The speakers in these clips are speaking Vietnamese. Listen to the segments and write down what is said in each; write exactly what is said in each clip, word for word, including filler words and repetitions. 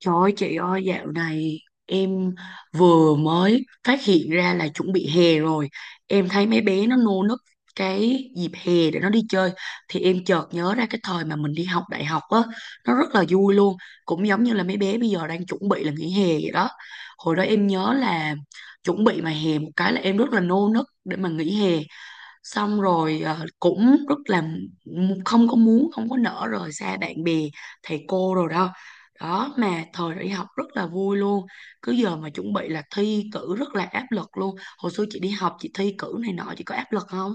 Trời ơi chị ơi, dạo này em vừa mới phát hiện ra là chuẩn bị hè rồi. Em thấy mấy bé nó nô nức cái dịp hè để nó đi chơi. Thì em chợt nhớ ra cái thời mà mình đi học đại học á, nó rất là vui luôn. Cũng giống như là mấy bé bây giờ đang chuẩn bị là nghỉ hè vậy đó. Hồi đó em nhớ là chuẩn bị mà hè một cái là em rất là nô nức để mà nghỉ hè, xong rồi ờ, cũng rất là m- không có muốn, không có nỡ rời xa bạn bè thầy cô rồi đó. Đó, mà thời đi học rất là vui luôn, cứ giờ mà chuẩn bị là thi cử rất là áp lực luôn. Hồi xưa chị đi học chị thi cử này nọ, chị có áp lực không?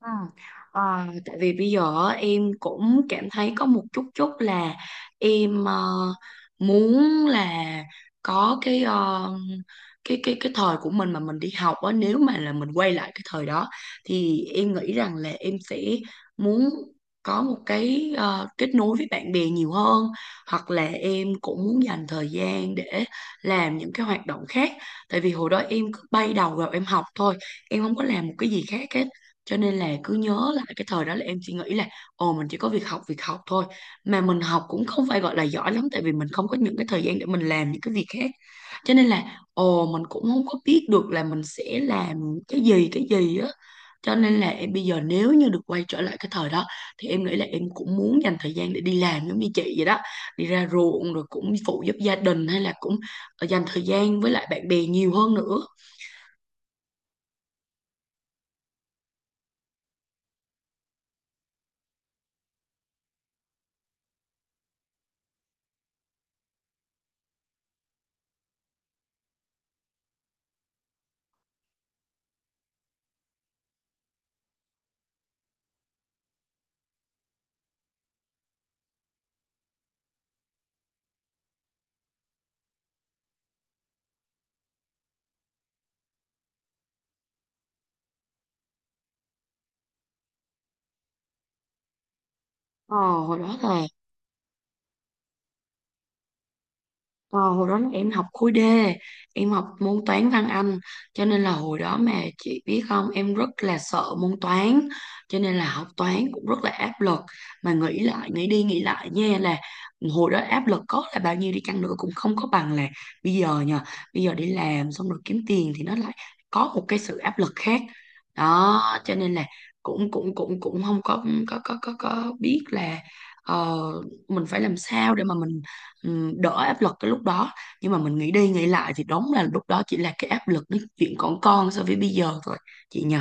Ừ. Ờ, Tại vì bây giờ á, em cũng cảm thấy có một chút chút là em ờ, muốn là có cái ờ, cái cái cái thời của mình mà mình đi học á, nếu mà là mình quay lại cái thời đó thì em nghĩ rằng là em sẽ muốn có một cái ờ, kết nối với bạn bè nhiều hơn, hoặc là em cũng muốn dành thời gian để làm những cái hoạt động khác. Tại vì hồi đó em cứ bay đầu vào em học thôi, em không có làm một cái gì khác hết. Cho nên là cứ nhớ là cái thời đó là em chỉ nghĩ là ồ mình chỉ có việc học, việc học thôi. Mà mình học cũng không phải gọi là giỏi lắm, tại vì mình không có những cái thời gian để mình làm những cái việc khác. Cho nên là ồ mình cũng không có biết được là mình sẽ làm cái gì, cái gì á. Cho nên là em bây giờ nếu như được quay trở lại cái thời đó thì em nghĩ là em cũng muốn dành thời gian để đi làm giống như chị vậy đó, đi ra ruộng rồi cũng phụ giúp gia đình, hay là cũng ờ, dành thời gian với lại bạn bè nhiều hơn nữa. Ờ hồi đó là. Ờ, hồi đó em học khối D, em học môn toán văn Anh, cho nên là hồi đó mà chị biết không, em rất là sợ môn toán, cho nên là học toán cũng rất là áp lực. Mà nghĩ lại, nghĩ đi nghĩ lại nha, là hồi đó áp lực có là bao nhiêu đi chăng nữa cũng không có bằng là bây giờ nha. Bây giờ đi làm xong rồi kiếm tiền thì nó lại có một cái sự áp lực khác. Đó, cho nên là cũng cũng cũng cũng không có có có có, có biết là ờ, mình phải làm sao để mà mình ừm, đỡ áp lực cái lúc đó. Nhưng mà mình nghĩ đi nghĩ lại thì đúng là lúc đó chỉ là cái áp lực nói chuyện còn con so với bây giờ thôi, chị nhờ.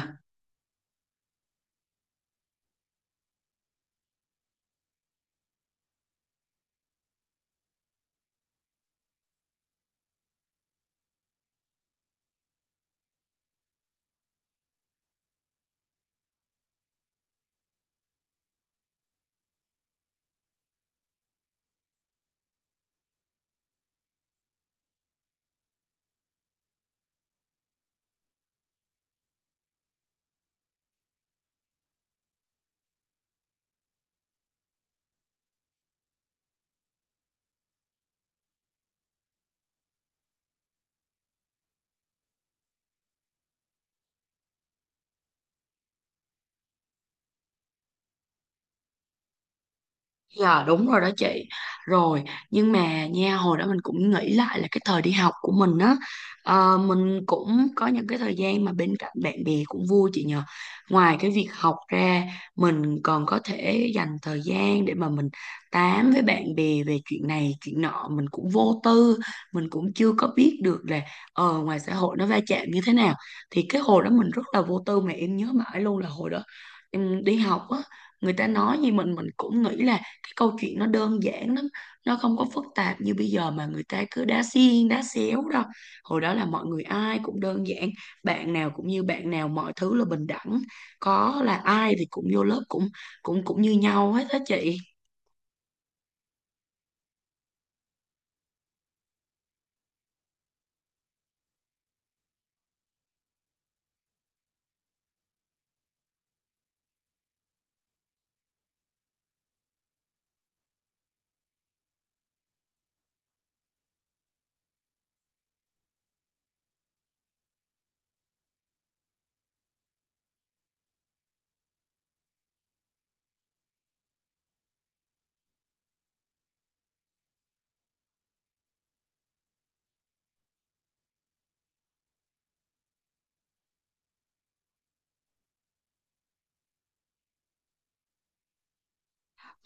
Dạ đúng rồi đó chị. Rồi, nhưng mà nha, hồi đó mình cũng nghĩ lại là cái thời đi học của mình á, ờ, mình cũng có những cái thời gian mà bên cạnh bạn bè cũng vui, chị nhờ. Ngoài cái việc học ra, mình còn có thể dành thời gian để mà mình tám với bạn bè về chuyện này chuyện nọ. Mình cũng vô tư, mình cũng chưa có biết được là ờ, ngoài xã hội nó va chạm như thế nào. Thì cái hồi đó mình rất là vô tư, mà em nhớ mãi luôn là hồi đó em đi học á, người ta nói gì mình mình cũng nghĩ là cái câu chuyện nó đơn giản lắm, nó không có phức tạp như bây giờ mà người ta cứ đá xiên đá xéo đâu. Hồi đó là mọi người ai cũng đơn giản, bạn nào cũng như bạn nào, mọi thứ là bình đẳng, có là ai thì cũng vô lớp cũng cũng cũng như nhau hết á chị.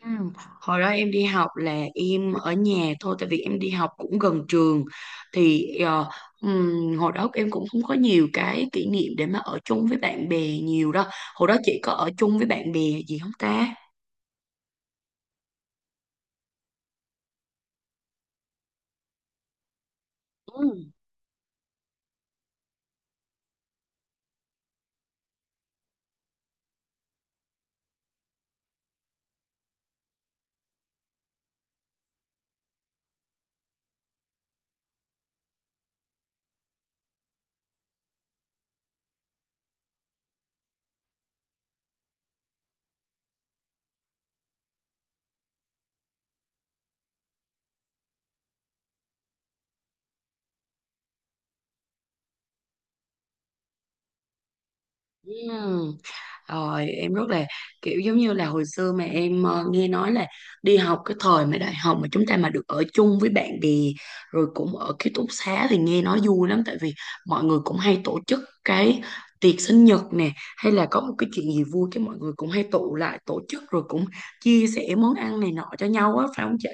Ừ. Hồi đó em đi học là em ở nhà thôi, tại vì em đi học cũng gần trường, thì ờ, ừm, hồi đó em cũng không có nhiều cái kỷ niệm để mà ở chung với bạn bè nhiều đâu. Hồi đó chị có ở chung với bạn bè gì không ta? Ừ. Ừm. Rồi em rất là kiểu giống như là hồi xưa mà em ờ, nghe nói là đi học cái thời mà đại học mà chúng ta mà được ở chung với bạn bè rồi cũng ở ký túc xá thì nghe nói vui lắm, tại vì mọi người cũng hay tổ chức cái tiệc sinh nhật nè, hay là có một cái chuyện gì vui cái mọi người cũng hay tụ lại tổ chức rồi cũng chia sẻ món ăn này nọ cho nhau á, phải không chị?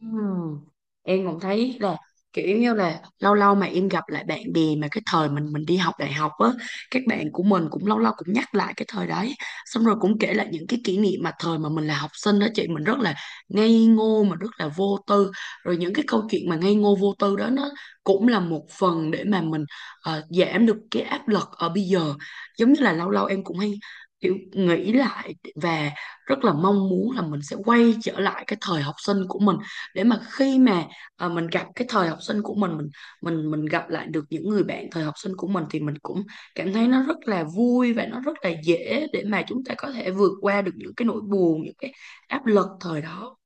Ừm. Em cũng thấy là kiểu như là lâu lâu mà em gặp lại bạn bè mà cái thời mình mình đi học đại học á, các bạn của mình cũng lâu lâu cũng nhắc lại cái thời đấy, xong rồi cũng kể lại những cái kỷ niệm mà thời mà mình là học sinh đó chị, mình rất là ngây ngô mà rất là vô tư. Rồi những cái câu chuyện mà ngây ngô vô tư đó, nó cũng là một phần để mà mình ờ, giảm được cái áp lực ở bây giờ. Giống như là lâu lâu em cũng hay kiểu nghĩ lại, và rất là mong muốn là mình sẽ quay trở lại cái thời học sinh của mình, để mà khi mà ờ, mình gặp cái thời học sinh của mình, mình mình mình gặp lại được những người bạn thời học sinh của mình thì mình cũng cảm thấy nó rất là vui, và nó rất là dễ để mà chúng ta có thể vượt qua được những cái nỗi buồn, những cái áp lực thời đó.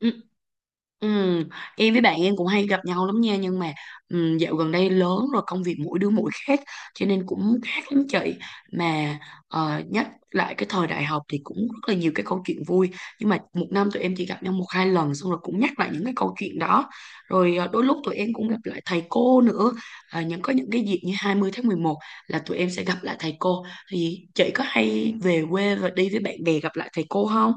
Ừ. Ừ. Em với bạn em cũng hay gặp nhau lắm nha, nhưng mà ừ, dạo gần đây lớn rồi, công việc mỗi đứa mỗi khác, cho nên cũng khác lắm chị. Mà ờ, nhắc lại cái thời đại học thì cũng rất là nhiều cái câu chuyện vui. Nhưng mà một năm tụi em chỉ gặp nhau một hai lần, xong rồi cũng nhắc lại những cái câu chuyện đó. Rồi ờ, đôi lúc tụi em cũng gặp lại thầy cô nữa. À, những có những cái dịp như hai mươi tháng mười một là tụi em sẽ gặp lại thầy cô. Thì chị có hay về quê và đi với bạn bè gặp lại thầy cô không?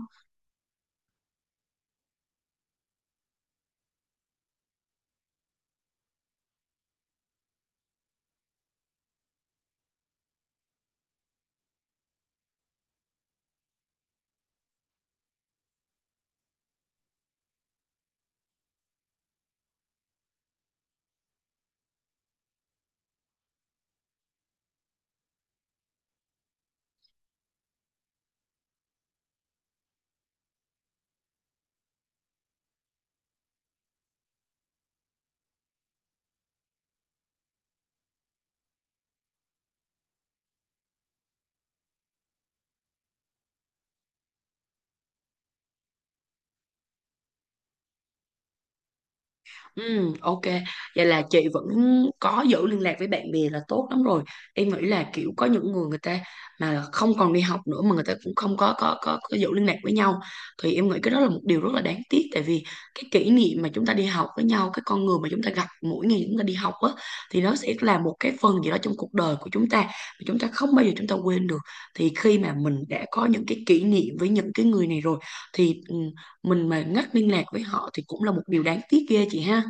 Ừ, ok. Vậy là chị vẫn có giữ liên lạc với bạn bè là tốt lắm rồi. Em nghĩ là kiểu có những người người ta mà không còn đi học nữa mà người ta cũng không có có có, có giữ liên lạc với nhau thì em nghĩ cái đó là một điều rất là đáng tiếc, tại vì cái kỷ niệm mà chúng ta đi học với nhau, cái con người mà chúng ta gặp mỗi ngày chúng ta đi học á, thì nó sẽ là một cái phần gì đó trong cuộc đời của chúng ta mà chúng ta không bao giờ chúng ta quên được. Thì khi mà mình đã có những cái kỷ niệm với những cái người này rồi thì ừ, mình mà ngắt liên lạc với họ thì cũng là một điều đáng tiếc ghê chị ha.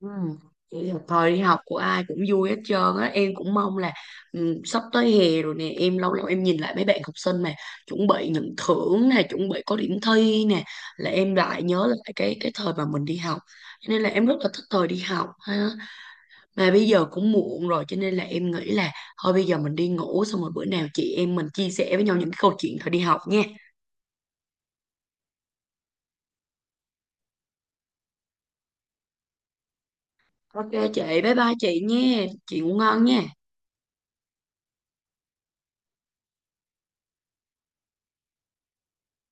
Ừ. Vậy là thời đi học của ai cũng vui hết trơn á. Em cũng mong là ừ, sắp tới hè rồi nè. Em lâu lâu em nhìn lại mấy bạn học sinh mà chuẩn bị nhận thưởng nè, chuẩn bị có điểm thi nè, là em lại nhớ lại cái cái thời mà mình đi học. Cho nên là em rất là thích thời đi học ha. Mà bây giờ cũng muộn rồi, cho nên là em nghĩ là thôi bây giờ mình đi ngủ, xong rồi bữa nào chị em mình chia sẻ với nhau những cái câu chuyện thời đi học nha. Ok chị, bye bye chị nha, chị ngủ ngon nha.